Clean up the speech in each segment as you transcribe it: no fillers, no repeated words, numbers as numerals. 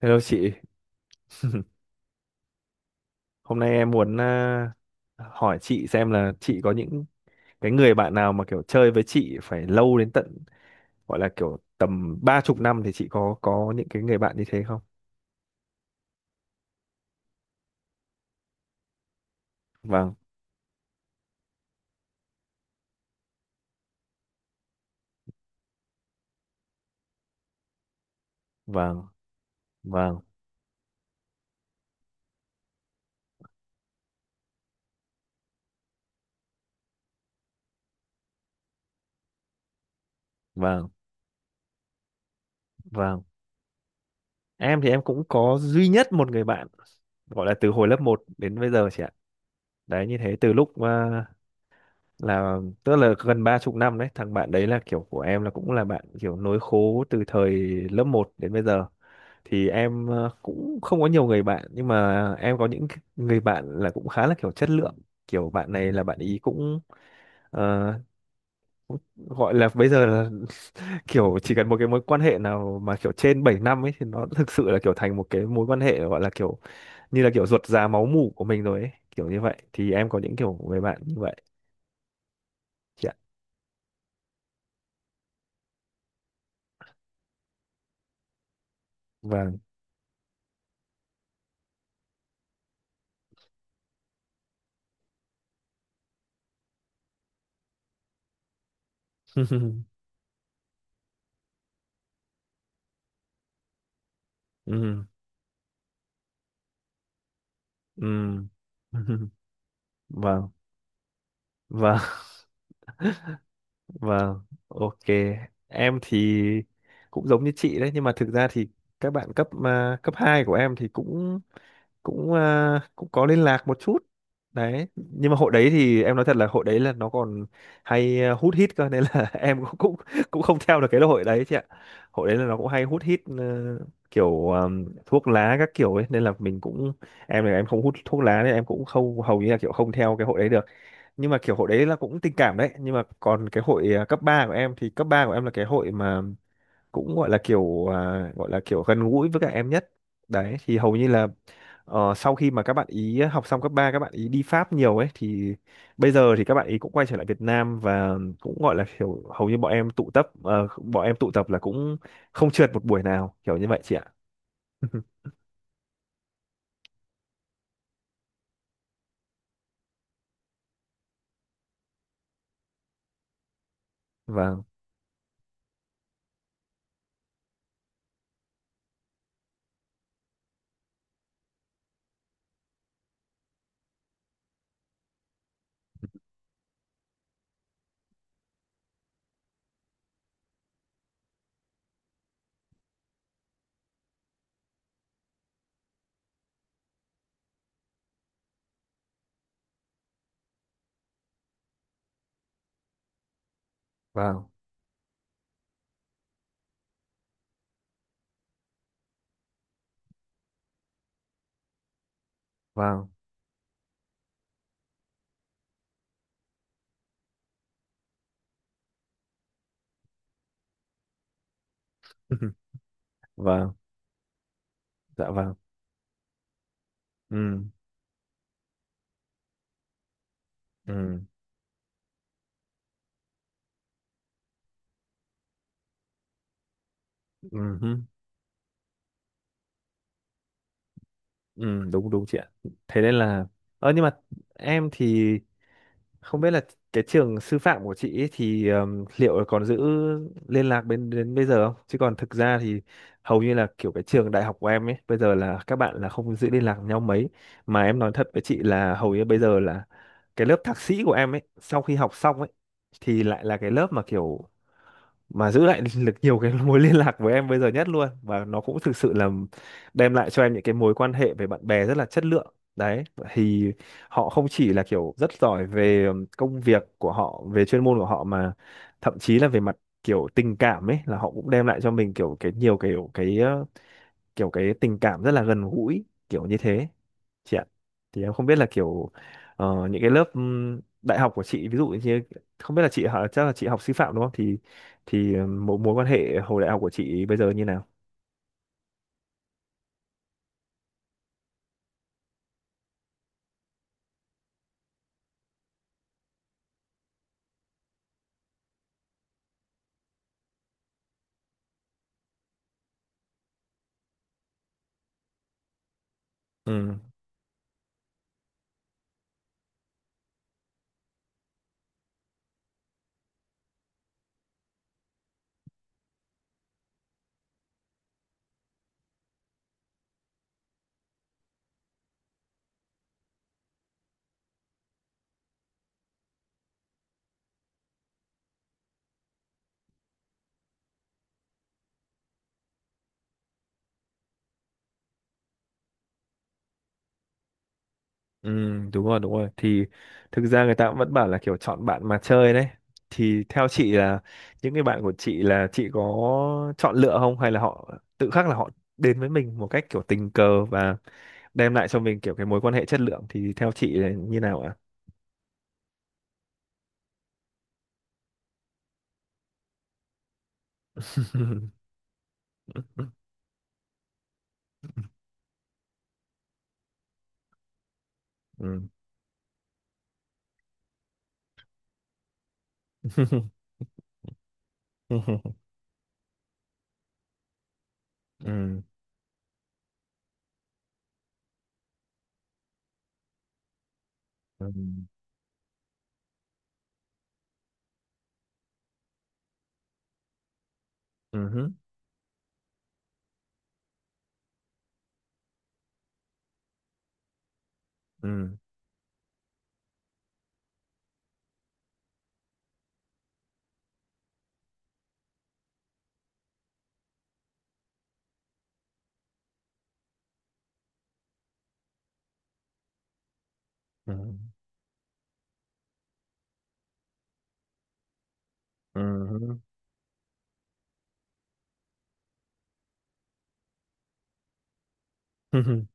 Hello chị, hôm nay em muốn hỏi chị xem là chị có những cái người bạn nào mà kiểu chơi với chị phải lâu đến tận gọi là kiểu tầm 30 năm thì chị có những cái người bạn như thế không? Vâng, vâng, vâng, vâng, vâng. Em thì em cũng có duy nhất một người bạn gọi là từ hồi lớp 1 đến bây giờ chị ạ. Đấy như thế từ lúc là tức là gần 30 năm đấy, thằng bạn đấy là kiểu của em là cũng là bạn kiểu nối khố từ thời lớp 1 đến bây giờ thì em cũng không có nhiều người bạn nhưng mà em có những người bạn là cũng khá là kiểu chất lượng kiểu bạn này là bạn ý cũng ờ, gọi là bây giờ là kiểu chỉ cần một cái mối quan hệ nào mà kiểu trên 7 năm ấy thì nó thực sự là kiểu thành một cái mối quan hệ gọi là kiểu như là kiểu ruột già máu mủ của mình rồi ấy kiểu như vậy thì em có những kiểu người bạn như vậy. Dạ vâng. Ừ, ừ. Vâng, vâng. Vâng, ok. Em thì cũng giống như chị đấy, nhưng mà thực ra thì các bạn cấp 2 của em thì cũng cũng à, cũng có liên lạc một chút. Đấy, nhưng mà hội đấy thì em nói thật là hội đấy là nó còn hay hút hít cơ nên là em cũng cũng cũng không theo được cái hội đấy chị ạ. Hội đấy là nó cũng hay hút hít kiểu thuốc lá các kiểu ấy nên là mình cũng em là em không hút thuốc lá nên em cũng không hầu như là kiểu không theo cái hội đấy được nhưng mà kiểu hội đấy là cũng tình cảm đấy nhưng mà còn cái hội cấp 3 của em thì cấp 3 của em là cái hội mà cũng gọi là kiểu gọi là kiểu gần gũi với các em nhất đấy thì hầu như là sau khi mà các bạn ý học xong cấp 3 các bạn ý đi Pháp nhiều ấy thì bây giờ thì các bạn ý cũng quay trở lại Việt Nam và cũng gọi là kiểu hầu như bọn em tụ tập là cũng không trượt một buổi nào kiểu như vậy chị ạ. Vâng, vâng, vâng. Vâng. Dạ vâng. Ừ, ừ, ừ. Ừ, đúng đúng chị ạ. Thế nên là nhưng mà em thì không biết là cái trường sư phạm của chị ấy thì liệu còn giữ liên lạc bên đến bây giờ không? Chứ còn thực ra thì hầu như là kiểu cái trường đại học của em ấy bây giờ là các bạn là không giữ liên lạc với nhau mấy mà em nói thật với chị là hầu như bây giờ là cái lớp thạc sĩ của em ấy sau khi học xong ấy thì lại là cái lớp mà kiểu mà giữ lại được nhiều cái mối liên lạc với em bây giờ nhất luôn và nó cũng thực sự là đem lại cho em những cái mối quan hệ về bạn bè rất là chất lượng đấy thì họ không chỉ là kiểu rất giỏi về công việc của họ về chuyên môn của họ mà thậm chí là về mặt kiểu tình cảm ấy là họ cũng đem lại cho mình kiểu cái nhiều kiểu cái tình cảm rất là gần gũi kiểu như thế chị ạ thì em không biết là kiểu những cái lớp đại học của chị ví dụ như không biết là chị họ chắc là chị học sư phạm đúng không thì thì mối mối quan hệ hồi đại học của chị bây giờ như nào. Ừ. Ừ, đúng rồi, đúng rồi. Thì thực ra người ta cũng vẫn bảo là kiểu chọn bạn mà chơi đấy. Thì theo chị là những cái bạn của chị là chị có chọn lựa không hay là họ tự khắc là họ đến với mình một cách kiểu tình cờ và đem lại cho mình kiểu cái mối quan hệ chất lượng thì theo chị là như nào ạ? Ừ. Ừ. Ừ. Ừ. Ừ. Ừ. Ừ. Ừ. Ừ.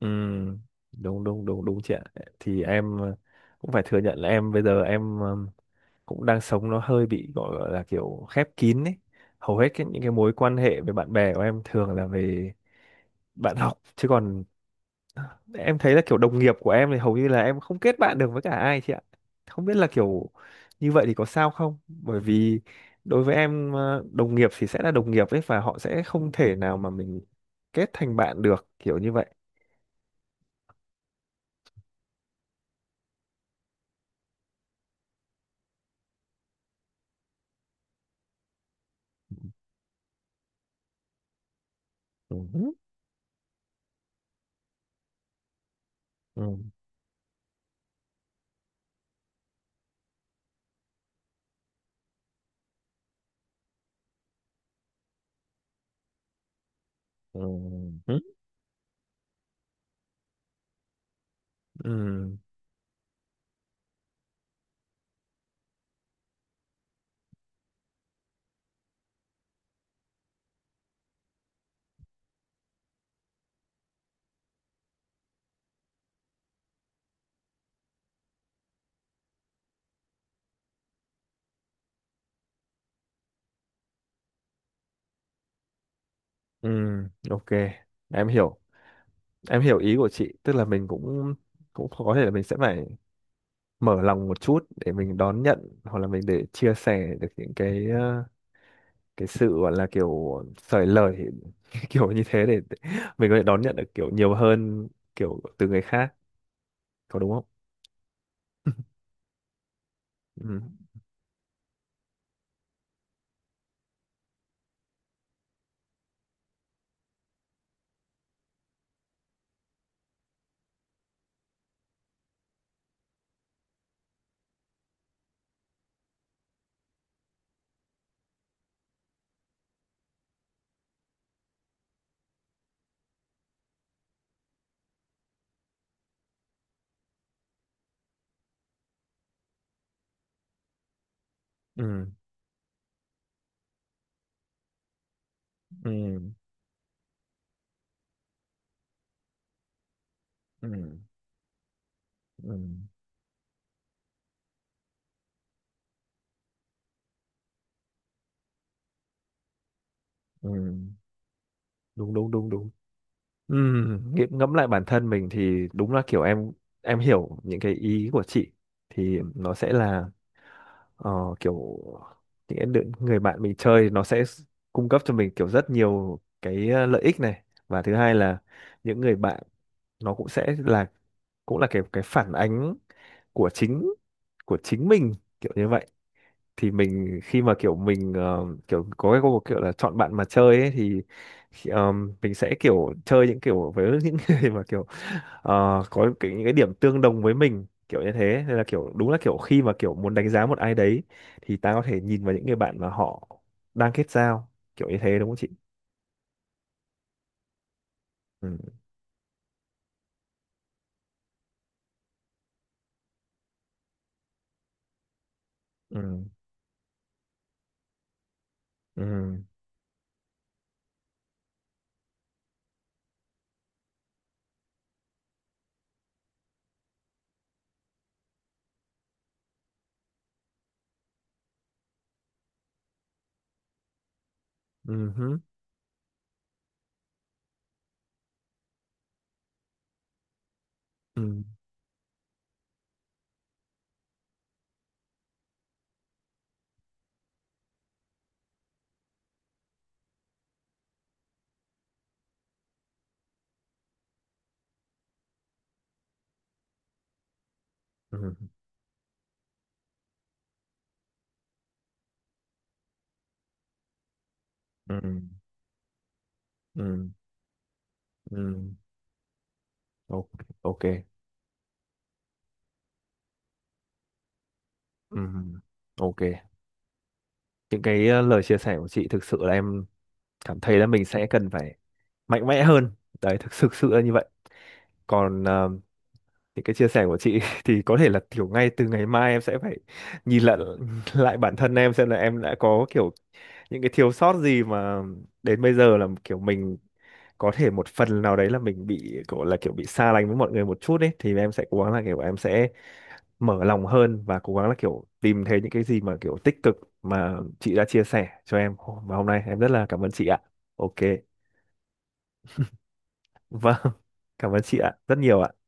Ừ, đúng đúng đúng đúng chị ạ thì em cũng phải thừa nhận là em bây giờ em cũng đang sống nó hơi bị gọi là kiểu khép kín ấy hầu hết những cái mối quan hệ với bạn bè của em thường là về bạn học chứ còn em thấy là kiểu đồng nghiệp của em thì hầu như là em không kết bạn được với cả ai chị ạ không biết là kiểu như vậy thì có sao không bởi vì đối với em đồng nghiệp thì sẽ là đồng nghiệp ấy và họ sẽ không thể nào mà mình kết thành bạn được kiểu như vậy. Ừ. Ừ. Ừ. Ừ. Ừ. Ừ. Ok, em hiểu. Em hiểu ý của chị, tức là mình cũng cũng có thể là mình sẽ phải mở lòng một chút để mình đón nhận hoặc là mình để chia sẻ được những cái sự gọi là kiểu sởi lời kiểu như thế để mình có thể đón nhận được kiểu nhiều hơn kiểu từ người khác, có đúng không? Ừ. Ừ. Ừ. Ừ. Ừ. Ừ. Đúng đúng đúng đúng. Ừ, ngẫm lại bản thân mình thì đúng là kiểu em hiểu những cái ý của chị thì nó sẽ là ờ, kiểu những cái người bạn mình chơi nó sẽ cung cấp cho mình kiểu rất nhiều cái lợi ích này và thứ hai là những người bạn nó cũng sẽ là cũng là cái phản ánh của chính của chính mình kiểu như vậy thì mình khi mà kiểu mình kiểu có cái câu kiểu là chọn bạn mà chơi ấy, thì mình sẽ kiểu chơi những kiểu với những người mà kiểu ờ, những cái điểm tương đồng với mình kiểu như thế nên là kiểu đúng là kiểu khi mà kiểu muốn đánh giá một ai đấy thì ta có thể nhìn vào những người bạn mà họ đang kết giao kiểu như thế đúng không chị. Ừ, ừ, ừ, ừ hứ, ừ, ừ, ừ, ừ, ừ. Ok. Ok. Ừ. Ok, những cái lời chia sẻ của chị thực sự là em cảm thấy là mình sẽ cần phải mạnh mẽ hơn đấy thực thực sự là như vậy còn những cái chia sẻ của chị thì có thể là kiểu ngay từ ngày mai em sẽ phải nhìn lại lại bản thân em xem là em đã có kiểu những cái thiếu sót gì mà đến bây giờ là kiểu mình có thể một phần nào đấy là mình bị kiểu là kiểu bị xa lánh với mọi người một chút ấy thì em sẽ cố gắng là kiểu em sẽ mở lòng hơn và cố gắng là kiểu tìm thấy những cái gì mà kiểu tích cực mà chị đã chia sẻ cho em và hôm nay em rất là cảm ơn chị ạ. Ok. Vâng, cảm ơn chị ạ, rất nhiều ạ.